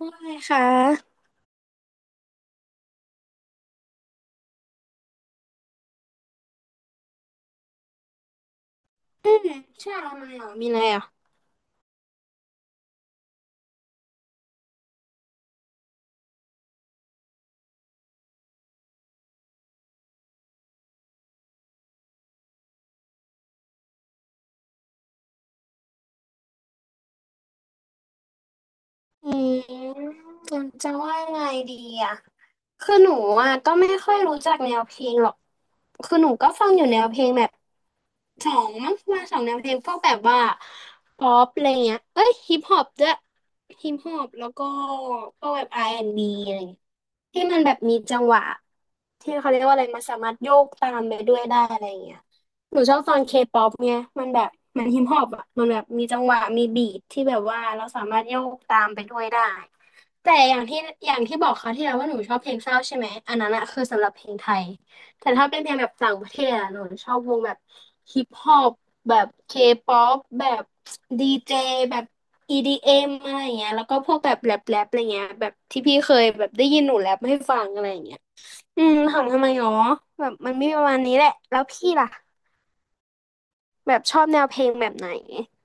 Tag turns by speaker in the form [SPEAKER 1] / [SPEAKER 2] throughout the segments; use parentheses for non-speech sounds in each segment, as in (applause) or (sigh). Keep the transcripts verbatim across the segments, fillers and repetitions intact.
[SPEAKER 1] ว่าไงคะอืมใช่ออะไรมาเหรอะมีอะไรอ่ะอืมจะว่ายไงดีอ่ะ คือหนูอ่ะก็ไม่ค่อยรู้จักแนวเพลงหรอก คือหนูก็ฟังอยู่แนวเพลงแบบ สองมั้งว่าสองแนวเพลงพวกแบบว่าป๊อปอะไรเงี้ยเอ้ยฮิปฮอปด้วยฮิปฮอปแล้วก็พวกแบบ อาร์ แอนด์ บี อนด์บีอะไรเงี้ยที่มันแบบมีจังหวะที่เขาเรียกว่าอะไรมันสามารถโยกตามไปด้วยได้อะไรเงี้ยหนูชอบฟังเคป๊อปเนี่ยมันแบบมันฮิปฮอปอ่ะมันแบบมีจังหวะมีบีทที่แบบว่าเราสามารถโยกตามไปด้วยได้แต่อย่างที่อย่างที่บอกเขาวที่แล้วว่าหนูชอบเพลงเศร้าใช่ไหมอันนั้นอะคือสำหรับเพลงไทย แต่ถ้าเป็นเพลงแบบต่างประเทศอะหนูชอบวงแบบฮิปฮอปแบบเคป๊อปแบบดีเจแบบ อี ดี เอ็ม อมอะไรอย่างเงี้ยแล้วก็พวกแบบแรปแรปอะไรเงี้ยแบบที่พี่เคยแบบได้ยินหนูแรปให้ฟังอะไรอย่างเงี้ยอืมถามทำไมหรอแบบมันมีประมาณนี้แหละแล้วพี่ล่ะแบบชอบแนวเพลงแบบไหน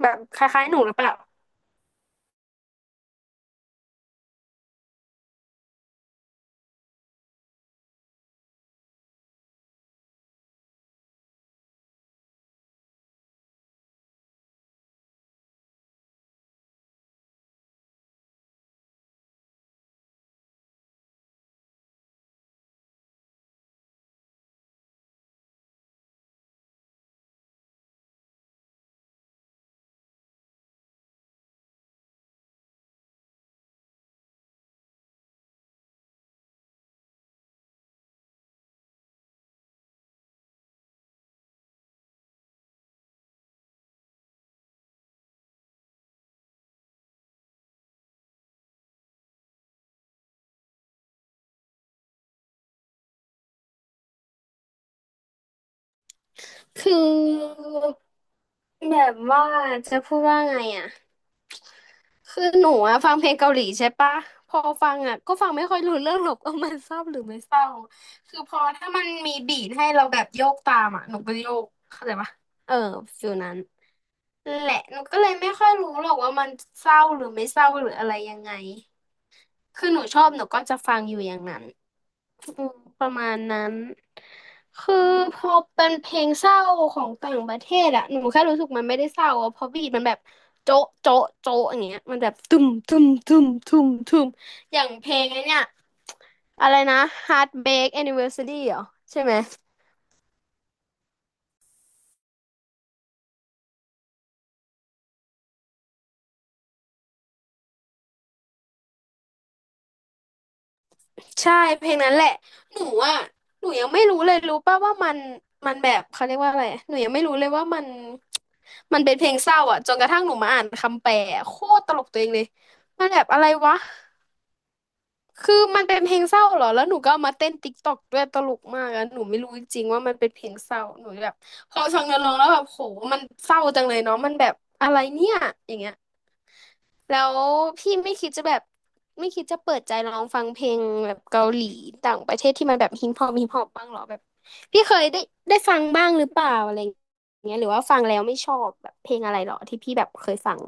[SPEAKER 1] แบบคล้ายๆหนูหรือเปล่าคือแบบว่าจะพูดว่าไงอ่ะ คือหนูอะฟังเพลงเกาหลีใช่ปะพอฟังอะก็ฟังไม่ค่อยรู้เรื่องหรอก (laughs) เออมันเศร้าหรือไม่เศร้าคือพอถ้ามันมีบีทให้เราแบบโยกตามอะหนูก็โยกเข้าใจปะเออฟิลนั้นแหละหนูก็เลยไม่ค่อยรู้หรอกว่ามันเศร้าหรือไม่เศร้าหรืออะไรยังไง คือหนูชอบหนูก็จะฟังอยู่อย่างนั้นอืมประมาณนั้นคือพอเป็นเพลงเศร้าของต่างประเทศอะหนูแค่รู้สึกมันไม่ได้เศร้าอะเพราะบีทมันแบบโจ๊ะโจ๊ะโจ๊ะอย่างเงี้ยมันแบบตุ้มตุ้มตุ้มตุ้มตุ้มอย่างเพลงไอ้เนี่ยอะไรนะ Heartbreak Anniversary เหรอใช่ไหม ใช่เพลงนั้นแหละหนูอ่ะหนูยังไม่รู้เลยรู้ป่ะว่ามันมันแบบเขาเรียกว่าอะไรหนูยังไม่รู้เลยว่ามันมันเป็นเพลงเศร้าอ่ะจนกระทั่งหนูมาอ่านคำแปลอะโคตรตลกตัวเองเลยมันแบบอะไรวะคือมันเป็นเพลงเศร้าเหรอแล้วหนูก็เอามาเต้นติ๊กต็อกด้วยตลกมากอะหนูไม่รู้จริงๆว่ามันเป็นเพลงเศร้าหนูแบบพอฟังเนื้อร้องแล้วแบบโหมันเศร้าจังเลยเนาะมันแบบอะไรเนี่ยอย่างเงี้ย แล้วพี่ไม่คิดจะแบบไม่คิดจะเปิดใจลองฟังเพลงแบบเกาหลีต่างประเทศที่มันแบบฮิปฮอปฮิปฮอปบ้างเหรอแบบพี่เคยได้ได้ฟังบ้างหรือเปล่าอะไรอย่างเงี้ยหรือว่าฟังแล้วไม่ชอบแบบเพลงอะไรเหรอที่พี่แบบเคยฟัง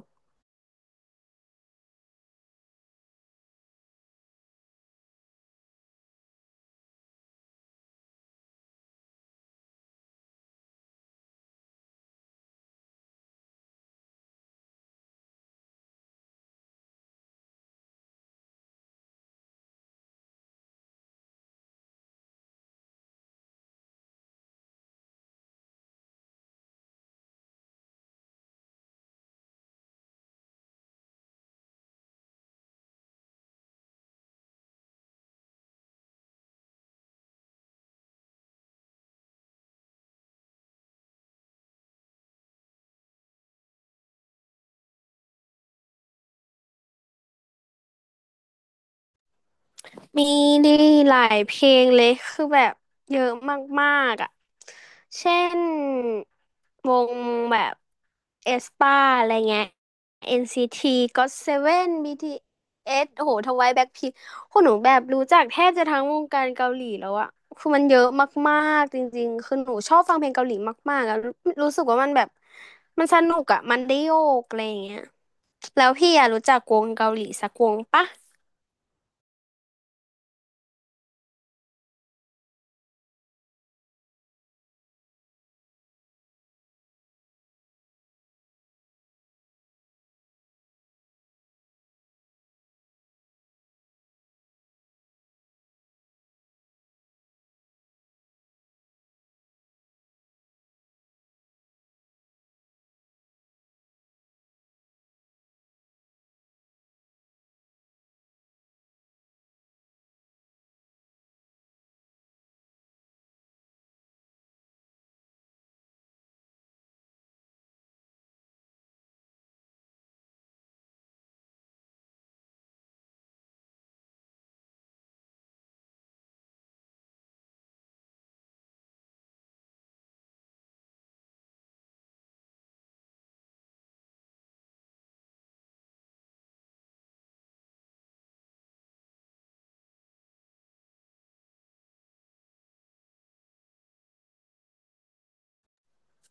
[SPEAKER 1] มีดีหลายเพลงเลยคือแบบเยอะมากๆอ่ะเช่นวงแบบเอสปาอะไรเงี้ย เอ็น ซี ที จี โอ ที เซเว่น บี ที เอส โอ้โหทวายแบ็คพิงคนหนูแบบรู้จักแทบจะทั้งวงการเกาหลีแล้วอะคือมันเยอะมากๆจริงๆ คือหนูชอบฟังเพลงเกาหลีมากๆอะรู้รู้สึกว่ามันแบบมันสนุกอะมันได้โยกอะไรอย่างเงี้ยแล้วพี่อะรู้จักวงเกาหลีสักวงปะ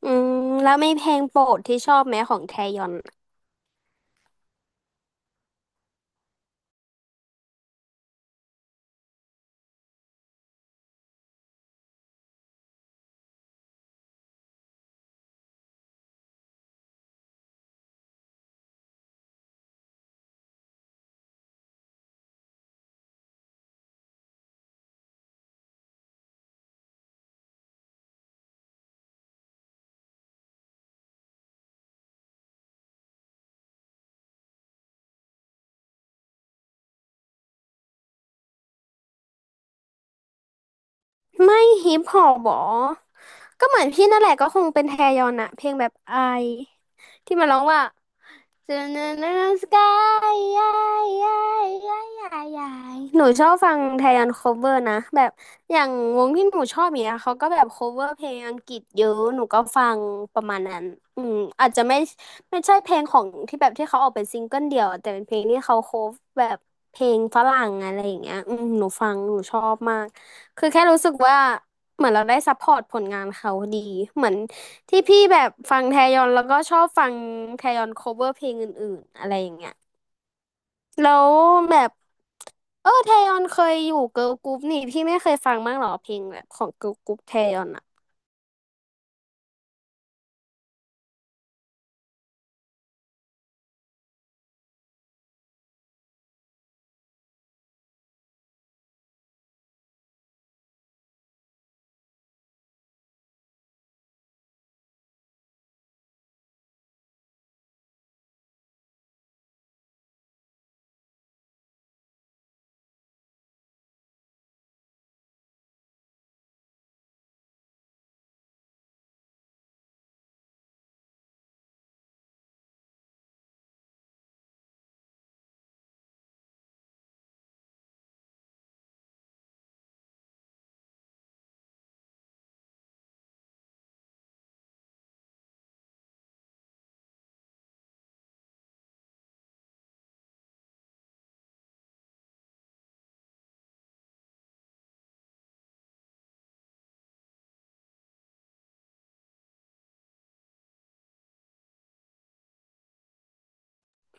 [SPEAKER 1] อืมแล้วไม่เพลงโปรดที่ชอบไหมของแทยอนไม่ฮิปฮอปหรอก็เหมือนพี่นั่นแหละก็คงเป็นแทยอนอะเพลงแบบไอ ที่มันร้องว่า a Sky หนูชอบฟังไทยอันโคเวอร์นะแบบอย่างวงที่หนูชอบอย่างเนี้ยเขาก็แบบโคเวอร์เพลงอังกฤษเยอะหนูก็ฟังประมาณนั้นอืมอาจจะไม่ไม่ใช่เพลงของที่แบบที่เขาออกเป็นซิงเกิลเดี่ยวแต่เป็นเพลงที่เขาโคฟแบบเพลงฝรั่งอะไรอย่างเงี้ยอืมหนูฟังหนูชอบมากคือแค่รู้สึกว่าเหมือนเราได้ซัพพอร์ตผลงานเขาดีเหมือน ที่พี่แบบฟังแทยอนแล้วก็ชอบฟังแทยอน cover เพลงอื่นๆอะไรอย่างเงี้ยแล้วแบบเออแทยอนเคยอยู่เกิร์ลกรุ๊ปนี่พี่ไม่เคยฟังบ้างเหรอเพลงแบบของเกิร์ลกรุ๊ปแทยอนอ่ะ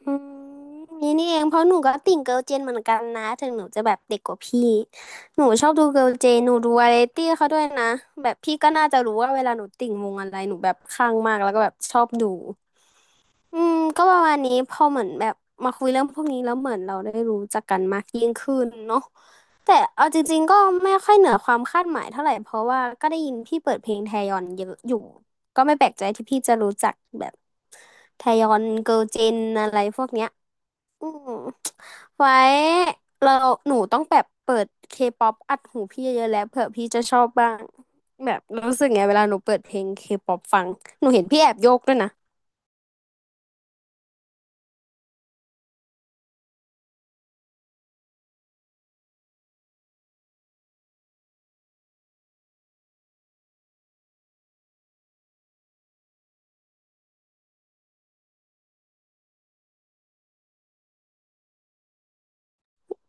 [SPEAKER 1] อืมนี่นี่เองเพราะหนูก็ติ่งเกิร์ลเจนเหมือนกันนะถึงหนูจะแบบเด็กกว่าพี่หนูชอบดูเกิร์ลเจนหนูดูวาไรตี้เขาด้วยนะแบบพี่ก็น่าจะรู้ว่าเวลาหนูติ่งวงอะไรหนูแบบขัางมากแล้วก็แบบชอบดู อืมก็ประมาณนี้พอเหมือนแบบมาคุยเรื่องพวกนี้แล้วเหมือนเราได้รู้จักกันมากยิ่งขึ้นเนาะแต่เอาจริงๆก็ไม่ค่อยเหนือความคาดหมายเท่าไหร่เพราะว่าก็ได้ยินพี่เปิดเพลงแทยอนเยอะอยู่ก็ไม่แปลกใจที่พี่จะรู้จักแบบแทยอนเกิร์ลเจนอะไรพวกเนี้ยอืมไว้เราหนูต้องแบบเปิดเคป๊อปอัดหูพี่เยอะๆแล้วเผื่อพี่จะชอบบ้างแบบรู้สึกไงเวลาหนูเปิดเพลงเคป๊อปฟังหนูเห็นพี่แอบโยกด้วยนะ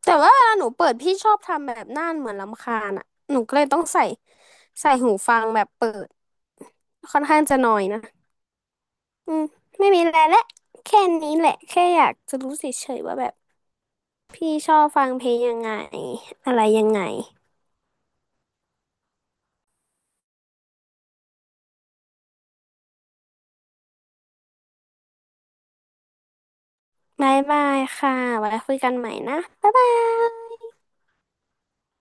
[SPEAKER 1] แต่ว่าเวลาหนูเปิดพี่ชอบทำแบบหน้าเหมือนรำคาญอ่ะหนูก็เลยต้องใส่ใส่หูฟังแบบเปิดค่อนข้างจะหน่อยนะอืมไม่มีอะไรและแค่นี้แหละแค่อยากจะรู้เฉยๆว่าแบบพี่ชอบฟังเพลงยังไงอะไรยังไงบายบายค่ะไว้คุยกันใหม่นะบ๊ายบาย